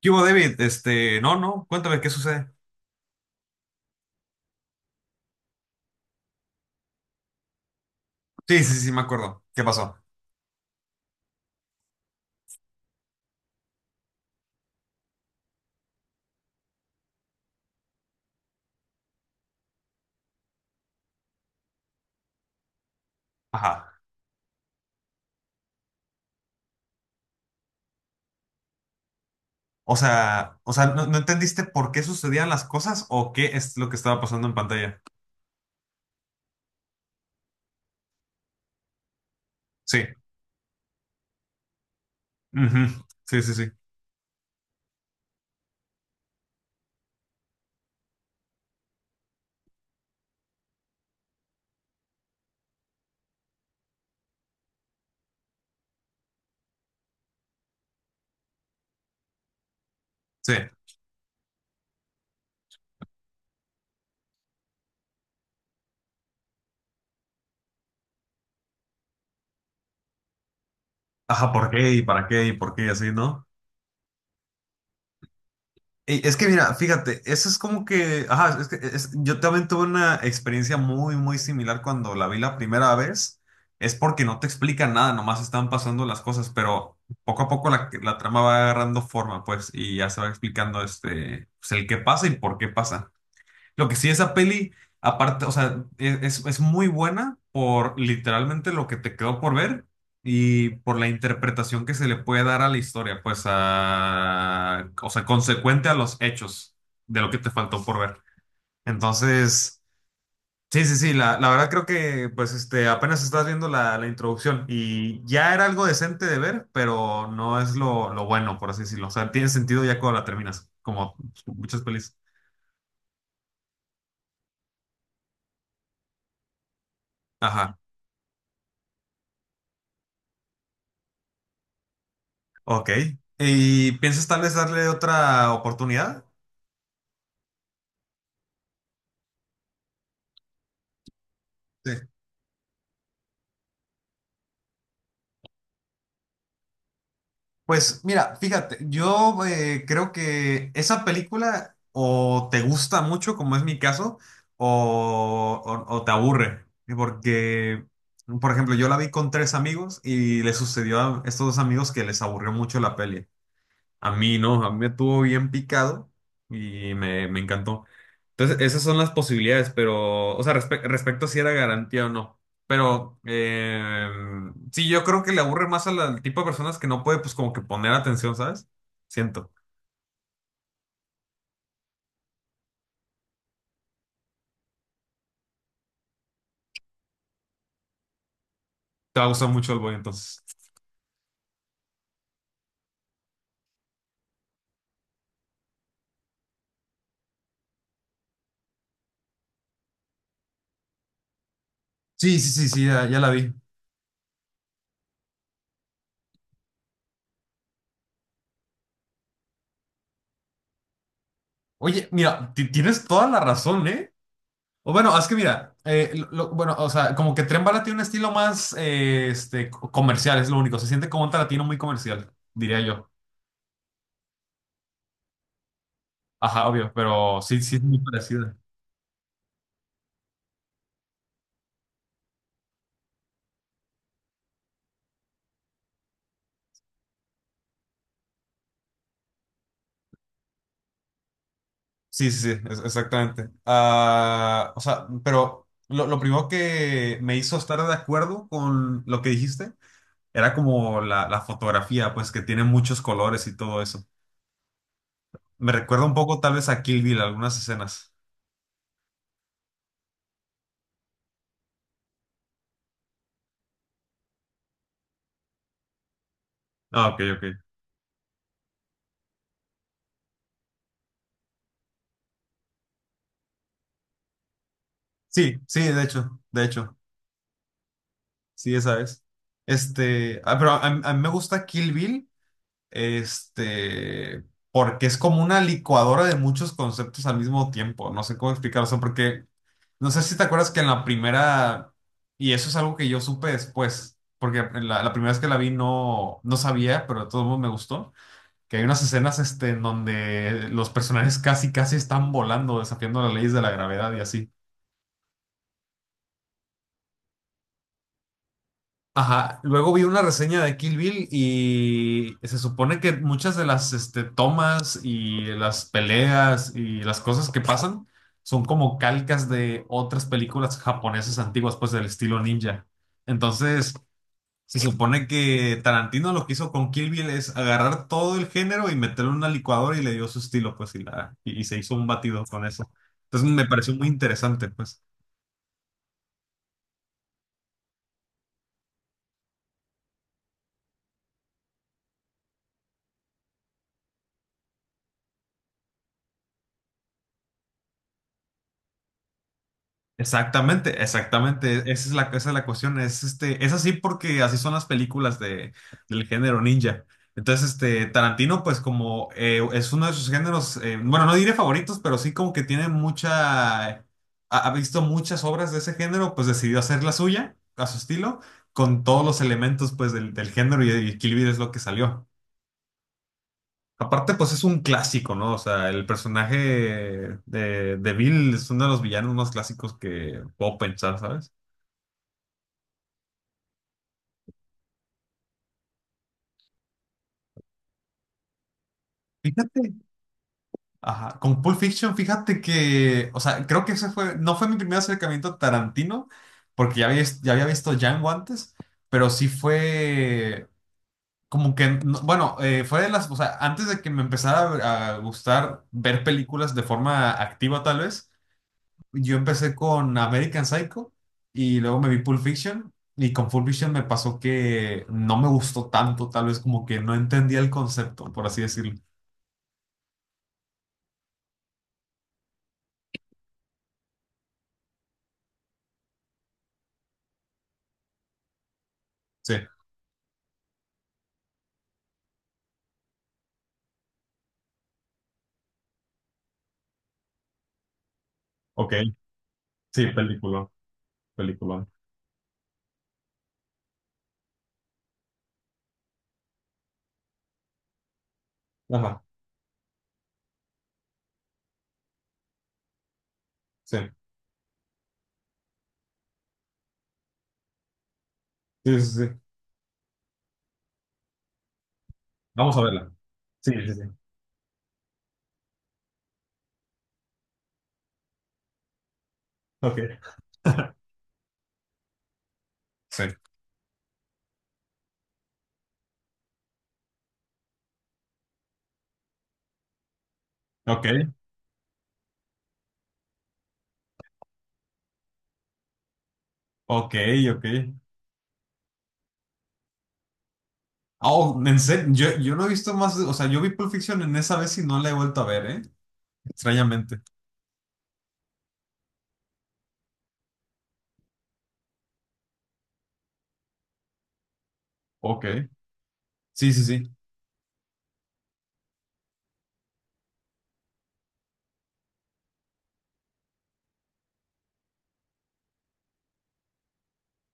¿Qué hubo, David? Este, no, no, cuéntame qué sucede. Sí, me acuerdo. ¿Qué pasó? Ajá. O sea, ¿no entendiste por qué sucedían las cosas o qué es lo que estaba pasando en pantalla? Sí. Ujú. Sí. Sí. Ajá, ¿por qué y para qué y por qué y así, ¿no? Y es que mira, fíjate, eso es como que, ajá, es que yo también tuve una experiencia muy similar cuando la vi la primera vez. Es porque no te explican nada, nomás están pasando las cosas, pero poco a poco la trama va agarrando forma, pues, y ya se va explicando este, pues, el qué pasa y por qué pasa. Lo que sí, esa peli, aparte, o sea, es muy buena por literalmente lo que te quedó por ver y por la interpretación que se le puede dar a la historia, pues a, o sea, consecuente a los hechos de lo que te faltó por ver. Entonces, sí, la verdad creo que, pues, este, apenas estás viendo la introducción y ya era algo decente de ver, pero no es lo bueno, por así decirlo. O sea, tiene sentido ya cuando la terminas, como muchas pelis. Ajá. Ok. ¿Y piensas tal vez darle otra oportunidad? Sí. Pues mira, fíjate, yo creo que esa película o te gusta mucho, como es mi caso, o, o te aburre. Porque, por ejemplo, yo la vi con tres amigos y le sucedió a estos dos amigos que les aburrió mucho la peli. A mí no, a mí me tuvo bien picado y me encantó. Entonces, esas son las posibilidades, pero, o sea, respecto a si era garantía o no. Pero, sí, yo creo que le aburre más a al tipo de personas que no puede, pues, como que poner atención, ¿sabes? Siento. Te va a gustar mucho el boy, entonces. Sí, sí, sí, sí, ya, ya la vi. Oye, mira, tienes toda la razón, ¿eh? O bueno, es que mira, bueno, o sea, como que Tren Bala tiene un estilo más, comercial, es lo único. Se siente como un Tarantino muy comercial, diría yo. Ajá, obvio, pero sí, sí es muy parecida. Exactamente. Ah, o sea, pero lo primero que me hizo estar de acuerdo con lo que dijiste era como la fotografía, pues que tiene muchos colores y todo eso. Me recuerda un poco tal vez a Kill Bill, algunas escenas. Ah, ok, ok. Sí, sí, de hecho, sí, esa es. Este, ah, pero a mí me gusta Kill Bill. Este, porque es como una licuadora de muchos conceptos al mismo tiempo. No sé cómo explicarlo, o sea, porque no sé si te acuerdas que en la primera, y eso es algo que yo supe después, porque en la primera vez que la vi no sabía, pero de todos modos me gustó, que hay unas escenas este, en donde los personajes casi, casi están volando, desafiando las leyes de la gravedad y así. Ajá, luego vi una reseña de Kill Bill y se supone que muchas de las este, tomas y las peleas y las cosas que pasan son como calcas de otras películas japonesas antiguas, pues del estilo ninja. Entonces, se supone que Tarantino lo que hizo con Kill Bill es agarrar todo el género y meterlo en una licuadora y le dio su estilo, pues, y, la, y se hizo un batido con eso. Entonces, me pareció muy interesante, pues. Exactamente, exactamente. Esa es la cuestión. Es, este, es así porque así son las películas de, del género ninja. Entonces, este, Tarantino, pues como es uno de sus géneros, bueno, no diré favoritos, pero sí como que tiene mucha, ha visto muchas obras de ese género, pues decidió hacer la suya, a su estilo, con todos los elementos, pues, del género y Kill Bill es lo que salió. Aparte, pues es un clásico, ¿no? O sea, el personaje de Bill es uno de los villanos más clásicos que puedo pensar, ¿sabes? Fíjate, ajá, con Pulp Fiction, fíjate que, o sea, creo que ese fue, no fue mi primer acercamiento a Tarantino, porque ya había, ya había visto Django antes, pero sí fue como que, bueno, fue de las, o sea, antes de que me empezara a gustar ver películas de forma activa tal vez, yo empecé con American Psycho y luego me vi Pulp Fiction y con Pulp Fiction me pasó que no me gustó tanto, tal vez como que no entendía el concepto, por así decirlo. Sí, ok. Sí, película. Película. Ajá, sí. Sí, sí, sí. Vamos a verla. Sí, sí, sí. Ok. Sí. Ok, ok, ok. Oh, en serio, yo no he visto más, o sea, yo vi Pulp Fiction en esa vez y no la he vuelto a ver, ¿eh? Extrañamente. Ok. Sí, sí, sí.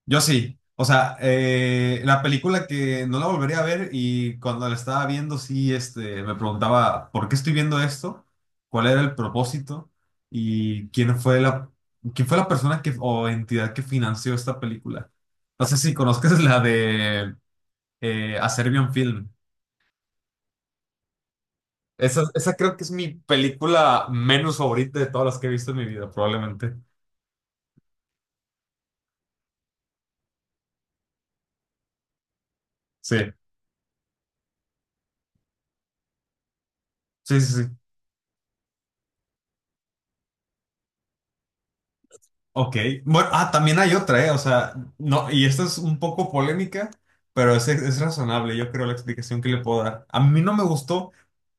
Yo sí. O sea, la película que no la volvería a ver y cuando la estaba viendo, sí, este, me preguntaba, ¿por qué estoy viendo esto? ¿Cuál era el propósito? ¿Y quién fue la persona que, o entidad que financió esta película? No sé si conozcas la de A Serbian Film. Esa creo que es mi película menos favorita de todas las que he visto en mi vida, probablemente. Sí, sí, sí, sí. Ok. Bueno, ah, también hay otra, ¿eh? O sea, no, y esta es un poco polémica, pero es razonable, yo creo, la explicación que le puedo dar. A mí no me gustó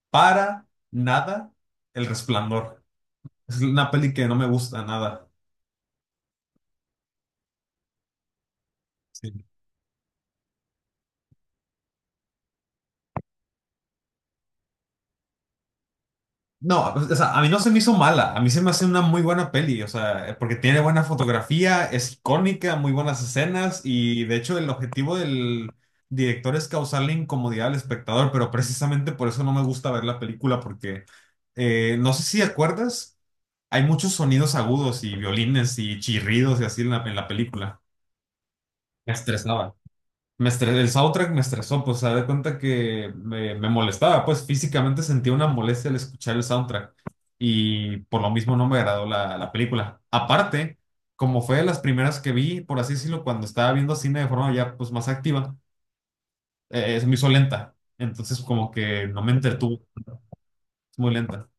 para nada El Resplandor. Es una peli que no me gusta nada. Sí. No, o sea, a mí no se me hizo mala, a mí se me hace una muy buena peli, o sea, porque tiene buena fotografía, es icónica, muy buenas escenas y de hecho el objetivo del director es causarle incomodidad al espectador, pero precisamente por eso no me gusta ver la película porque no sé si acuerdas, hay muchos sonidos agudos y violines y chirridos y así en en la película. Me estresaba. El soundtrack me estresó, pues se da cuenta que me molestaba, pues físicamente sentía una molestia al escuchar el soundtrack y por lo mismo no me agradó la película. Aparte, como fue de las primeras que vi, por así decirlo, cuando estaba viendo cine de forma ya pues más activa, se me hizo lenta, entonces como que no me entretuvo, es muy lenta.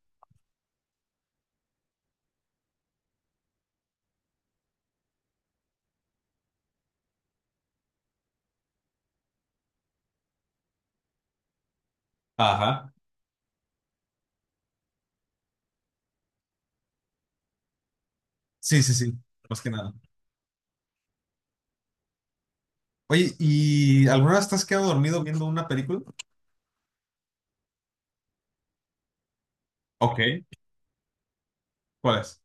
Ajá, sí, más que nada. Oye, ¿y alguna vez te has quedado dormido viendo una película? Ok, ¿cuál es?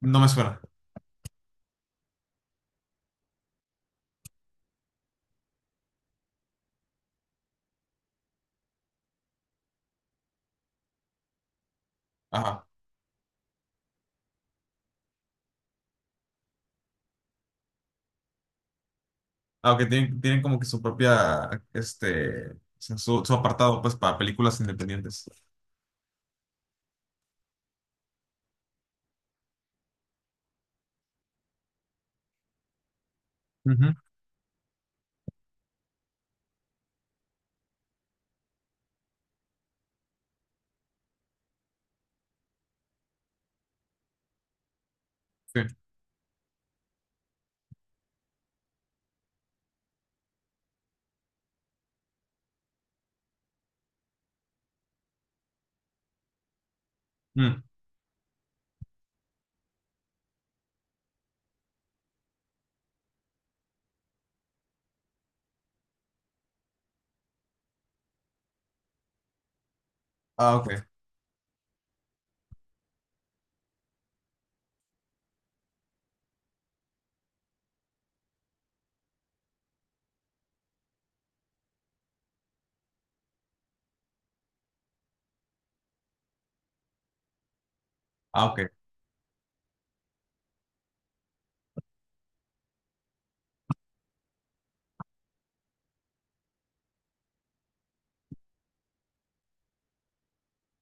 No me suena. Ajá. Aunque tienen, tienen como que su propia, este, o sea, su apartado, pues, para películas independientes. Ujú, sí. Mm. Ah, ok. Ah, ok.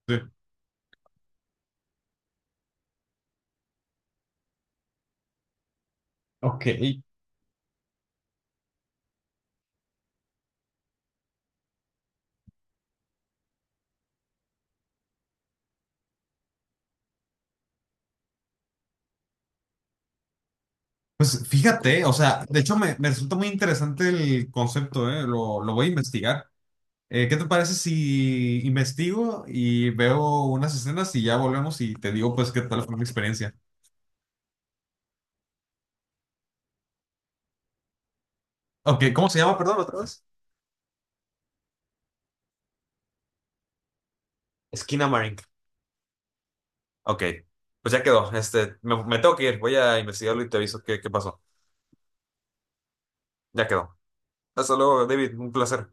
Sí. Ok. Pues fíjate, o sea, de hecho me, me resulta muy interesante el concepto, ¿eh? Lo voy a investigar. ¿Qué te parece si investigo y veo unas escenas y ya volvemos y te digo, pues, qué tal fue mi experiencia? Ok, ¿cómo se llama? Perdón, otra vez. Esquina Marink. Ok, pues ya quedó. Este, me tengo que ir. Voy a investigarlo y te aviso qué, qué pasó. Ya quedó. Hasta luego, David, un placer.